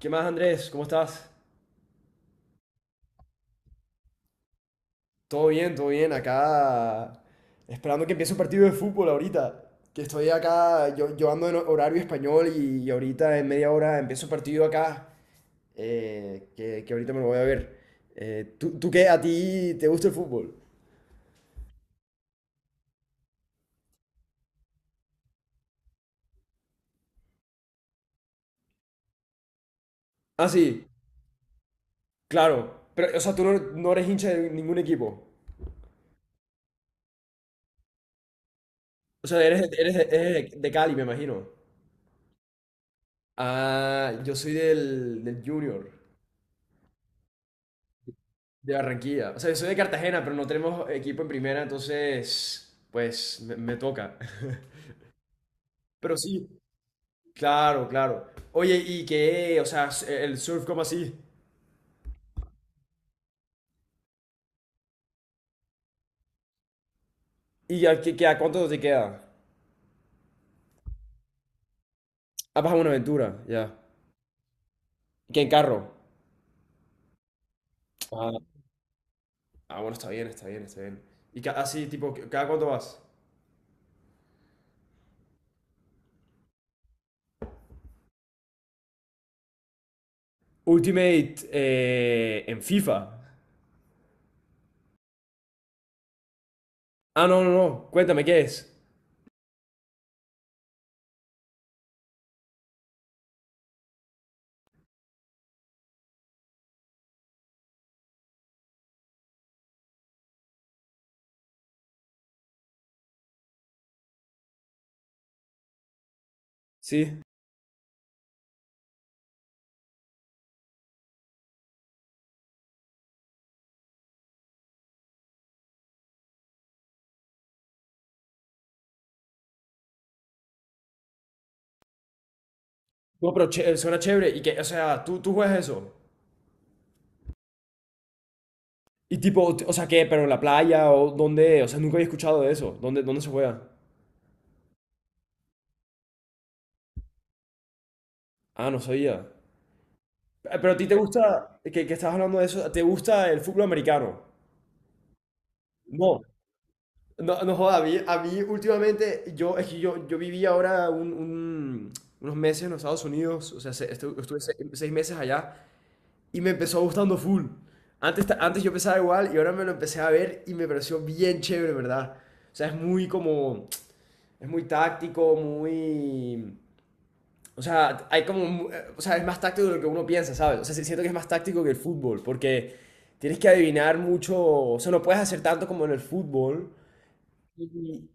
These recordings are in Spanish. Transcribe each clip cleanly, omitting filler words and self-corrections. ¿Qué más, Andrés? ¿Cómo estás? Todo bien, todo bien. Acá esperando que empiece un partido de fútbol ahorita. Que estoy acá, yo ando en horario español y ahorita en media hora empiezo un partido acá que ahorita me lo voy a ver. ¿Tú qué? ¿A ti te gusta el fútbol? Ah, sí, claro. Pero, o sea, tú no eres hincha de ningún equipo. O sea, de Cali, me imagino. Ah, yo soy del Junior. De Barranquilla. O sea, yo soy de Cartagena, pero no tenemos equipo en primera, entonces, pues, me toca. Pero sí, claro, claro. Oye, ¿y qué? O sea, el surf, ¿cómo así? ¿Y a cuánto te queda? Ah, vas a Buenaventura, ya. ¿Qué en carro? Ah, ah, bueno, está bien, está bien, está bien. ¿Y así, tipo, cada cuánto vas? Ultimate en FIFA. Ah, no, no, no. Cuéntame, ¿qué es? Sí. No, pero suena chévere. ¿Y qué? O sea, tú juegas eso? Y tipo, o sea, ¿qué? ¿Pero en la playa? ¿O dónde? O sea, nunca había escuchado de eso. Dónde se juega? Ah, no sabía. Pero a ti te gusta, que estabas hablando de eso, ¿te gusta el fútbol americano? No. No, no joda, a mí últimamente, yo, es que yo viví ahora unos meses en los Estados Unidos, o sea, estuve, seis meses allá y me empezó gustando full. Antes, antes yo pensaba igual y ahora me lo empecé a ver y me pareció bien chévere, ¿verdad? O sea, es muy como, es muy táctico, muy, O sea, hay como, o sea, es más táctico de lo que uno piensa, ¿sabes? O sea, siento que es más táctico que el fútbol, porque tienes que adivinar mucho, o sea, no puedes hacer tanto como en el fútbol. Y,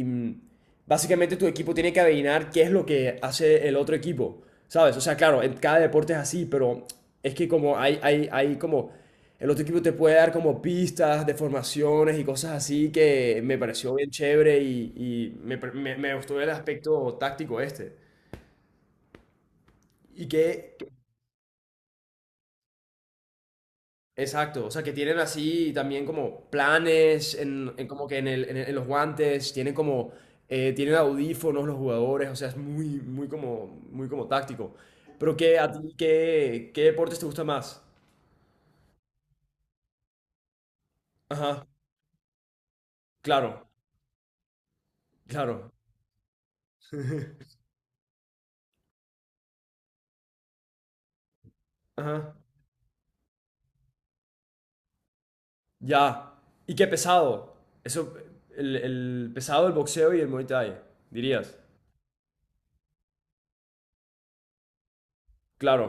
y, mm, básicamente tu equipo tiene que adivinar qué es lo que hace el otro equipo, ¿sabes? O sea, claro, en cada deporte es así, pero es que como hay como, el otro equipo te puede dar como pistas de formaciones y cosas así que me pareció bien chévere y me gustó el aspecto táctico este. ¿Y qué, Exacto, o sea, que tienen así también como planes, en como que en en los guantes, tienen como, tienen audífonos los jugadores, o sea, muy como táctico. Pero qué a ti, qué deportes te gusta más? Ajá, claro, claro, ajá, ya. ¿Y qué pesado? Eso, el pesado del boxeo y el Muay Thai, dirías. Claro,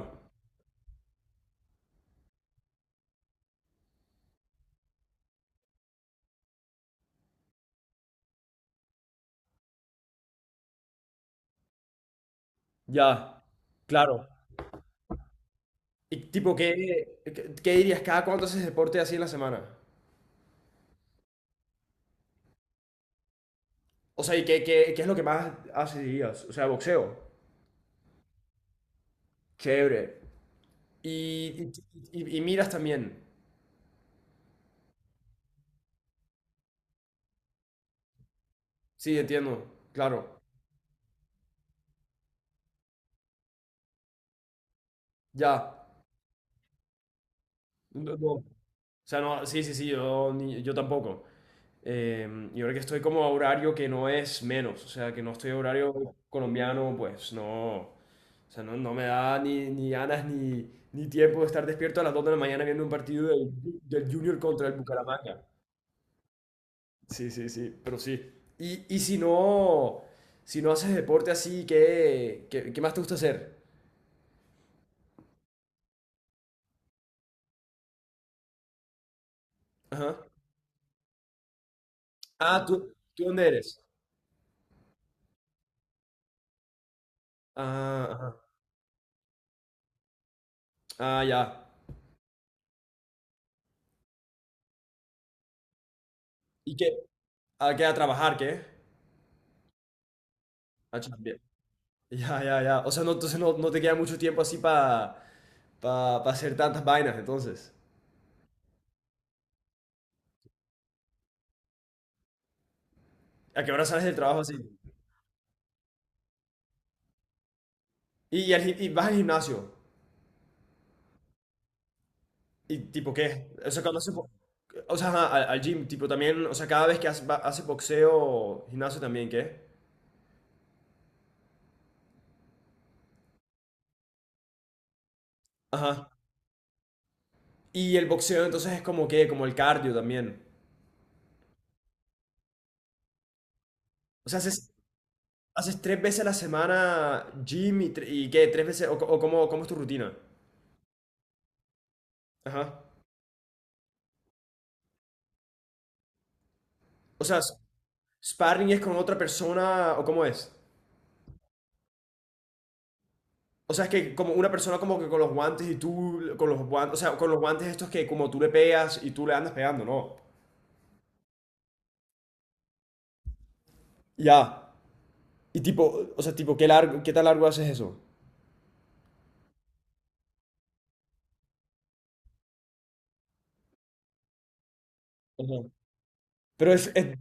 ya, claro. Y tipo, qué dirías? ¿Cada cuánto haces deporte así en la semana? O sea, ¿y qué es lo que más hacías? O sea, boxeo. Chévere. Y, y, y miras también. Sí, entiendo. Claro. Ya. No, no. O sea, no, sí, sí, sí, yo tampoco. Y ahora que estoy como a horario que no es menos, o sea, que no estoy a horario colombiano, pues no. O sea, no, no me da ni ganas ni tiempo de estar despierto a las 2 de la mañana viendo un partido del Junior contra el Bucaramanga. Sí, sí, sí, pero sí. Y, y si no, si no haces deporte así, qué más te gusta hacer? Ajá. Ah, tú dónde eres? Ah, ajá. Ah, ya. ¿Y qué? ¿A qué? ¿A trabajar, qué? Ah, chambear. Ya, ya, ya. O sea, no, entonces no, no te queda mucho tiempo así para pa, pa hacer tantas vainas, entonces. ¿A qué hora sales del trabajo así? Y vas al gimnasio. ¿Y tipo qué? O sea, cuando haces bo- o sea, ajá, al, al gym, tipo también, o sea, cada vez que haces boxeo, gimnasio también, ¿qué? Ajá. Y el boxeo entonces es como que, como el cardio también. O sea, haces tres veces a la semana gym y tres veces, o cómo, cómo es tu rutina. Ajá. O sea, s- sparring es con otra persona, o cómo es. O sea, es que como una persona como que con los guantes y con los guantes, o sea, con los guantes estos que como tú le pegas y tú le andas pegando, ¿no? Ya. Y tipo, o sea, tipo, qué tan largo haces eso? Ajá. Pero es, es-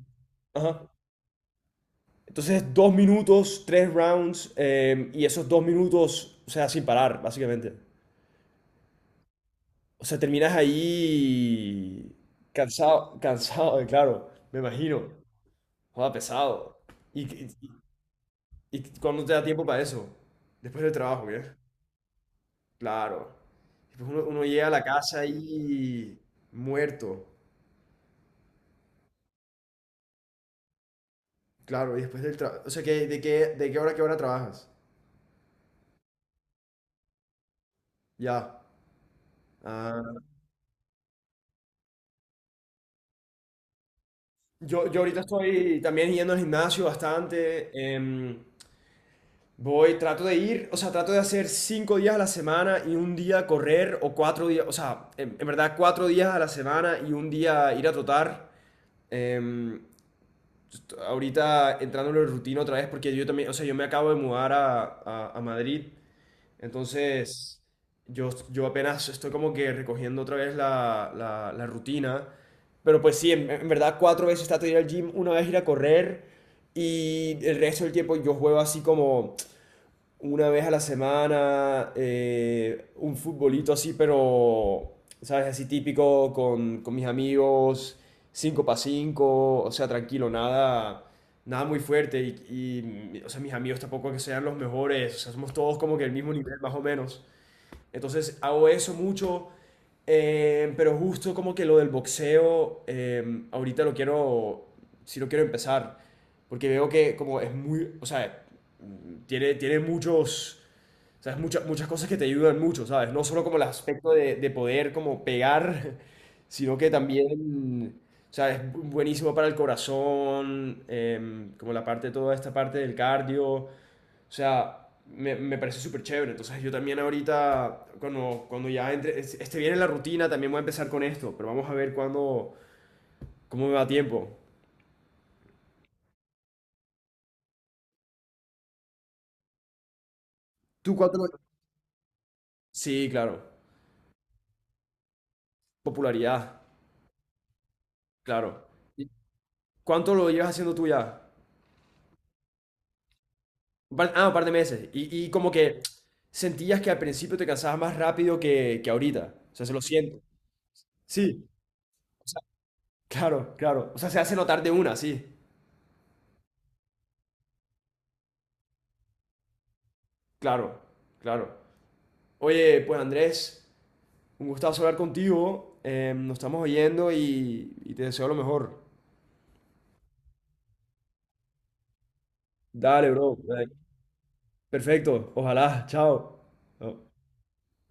ajá. Entonces, dos minutos, tres rounds, y esos dos minutos, o sea, sin parar, básicamente. O sea, terminas ahí cansado, cansado, claro, me imagino. Joda, pesado. ¿Y, y, y cuándo te da tiempo para eso? Después del trabajo, ¿qué? Claro. Después uno llega a la casa ahí muerto. Claro, y después del trabajo. O sea, de qué hora a qué hora trabajas? Ya. Ah, yo ahorita estoy también yendo al gimnasio bastante. Em, voy, trato de ir, o sea, trato de hacer cinco días a la semana y un día correr o cuatro días, o sea, en verdad cuatro días a la semana y un día ir a trotar. Em, ahorita entrando en la rutina otra vez porque yo también, o sea, yo me acabo de mudar a, a Madrid entonces, yo apenas estoy como que recogiendo otra vez la rutina. Pero pues sí, en verdad cuatro veces trato de ir al gym, una vez ir a correr y el resto del tiempo yo juego así como una vez a la semana, un futbolito así, pero, ¿sabes? Así típico con mis amigos, 5 para 5 o sea, tranquilo, nada, nada muy fuerte. Y, o sea, mis amigos tampoco que sean los mejores, o sea, somos todos como que el mismo nivel, más o menos. Entonces hago eso mucho, pero justo como que lo del boxeo, ahorita lo quiero, sí lo quiero empezar, porque veo que como es muy, o sea, tiene muchos, ¿sabes? Muchas cosas que te ayudan mucho, ¿sabes? No solo como el aspecto de poder como pegar, sino que también, o sea, es buenísimo para el corazón, em, como la parte, toda esta parte del cardio. O sea, me parece súper chévere. Entonces yo también ahorita, cuando ya entre, esté bien en la rutina, también voy a empezar con esto, pero vamos a ver cuándo, cómo me va tiempo. ¿Tú cuánto lo... Sí, claro. Popularidad, claro. ¿Y ¿Cuánto lo llevas haciendo tú ya? Ah, un par de meses. Y como que sentías que al principio te cansabas más rápido que ahorita. O sea, se lo siento. Sí, claro, claro. O sea, se hace notar de una, sí. Claro, claro. Oye, pues Andrés, un gustazo hablar contigo. Eh, nos estamos oyendo y te deseo lo mejor. Dale, bro. Perfecto. Ojalá. Chao. Chao.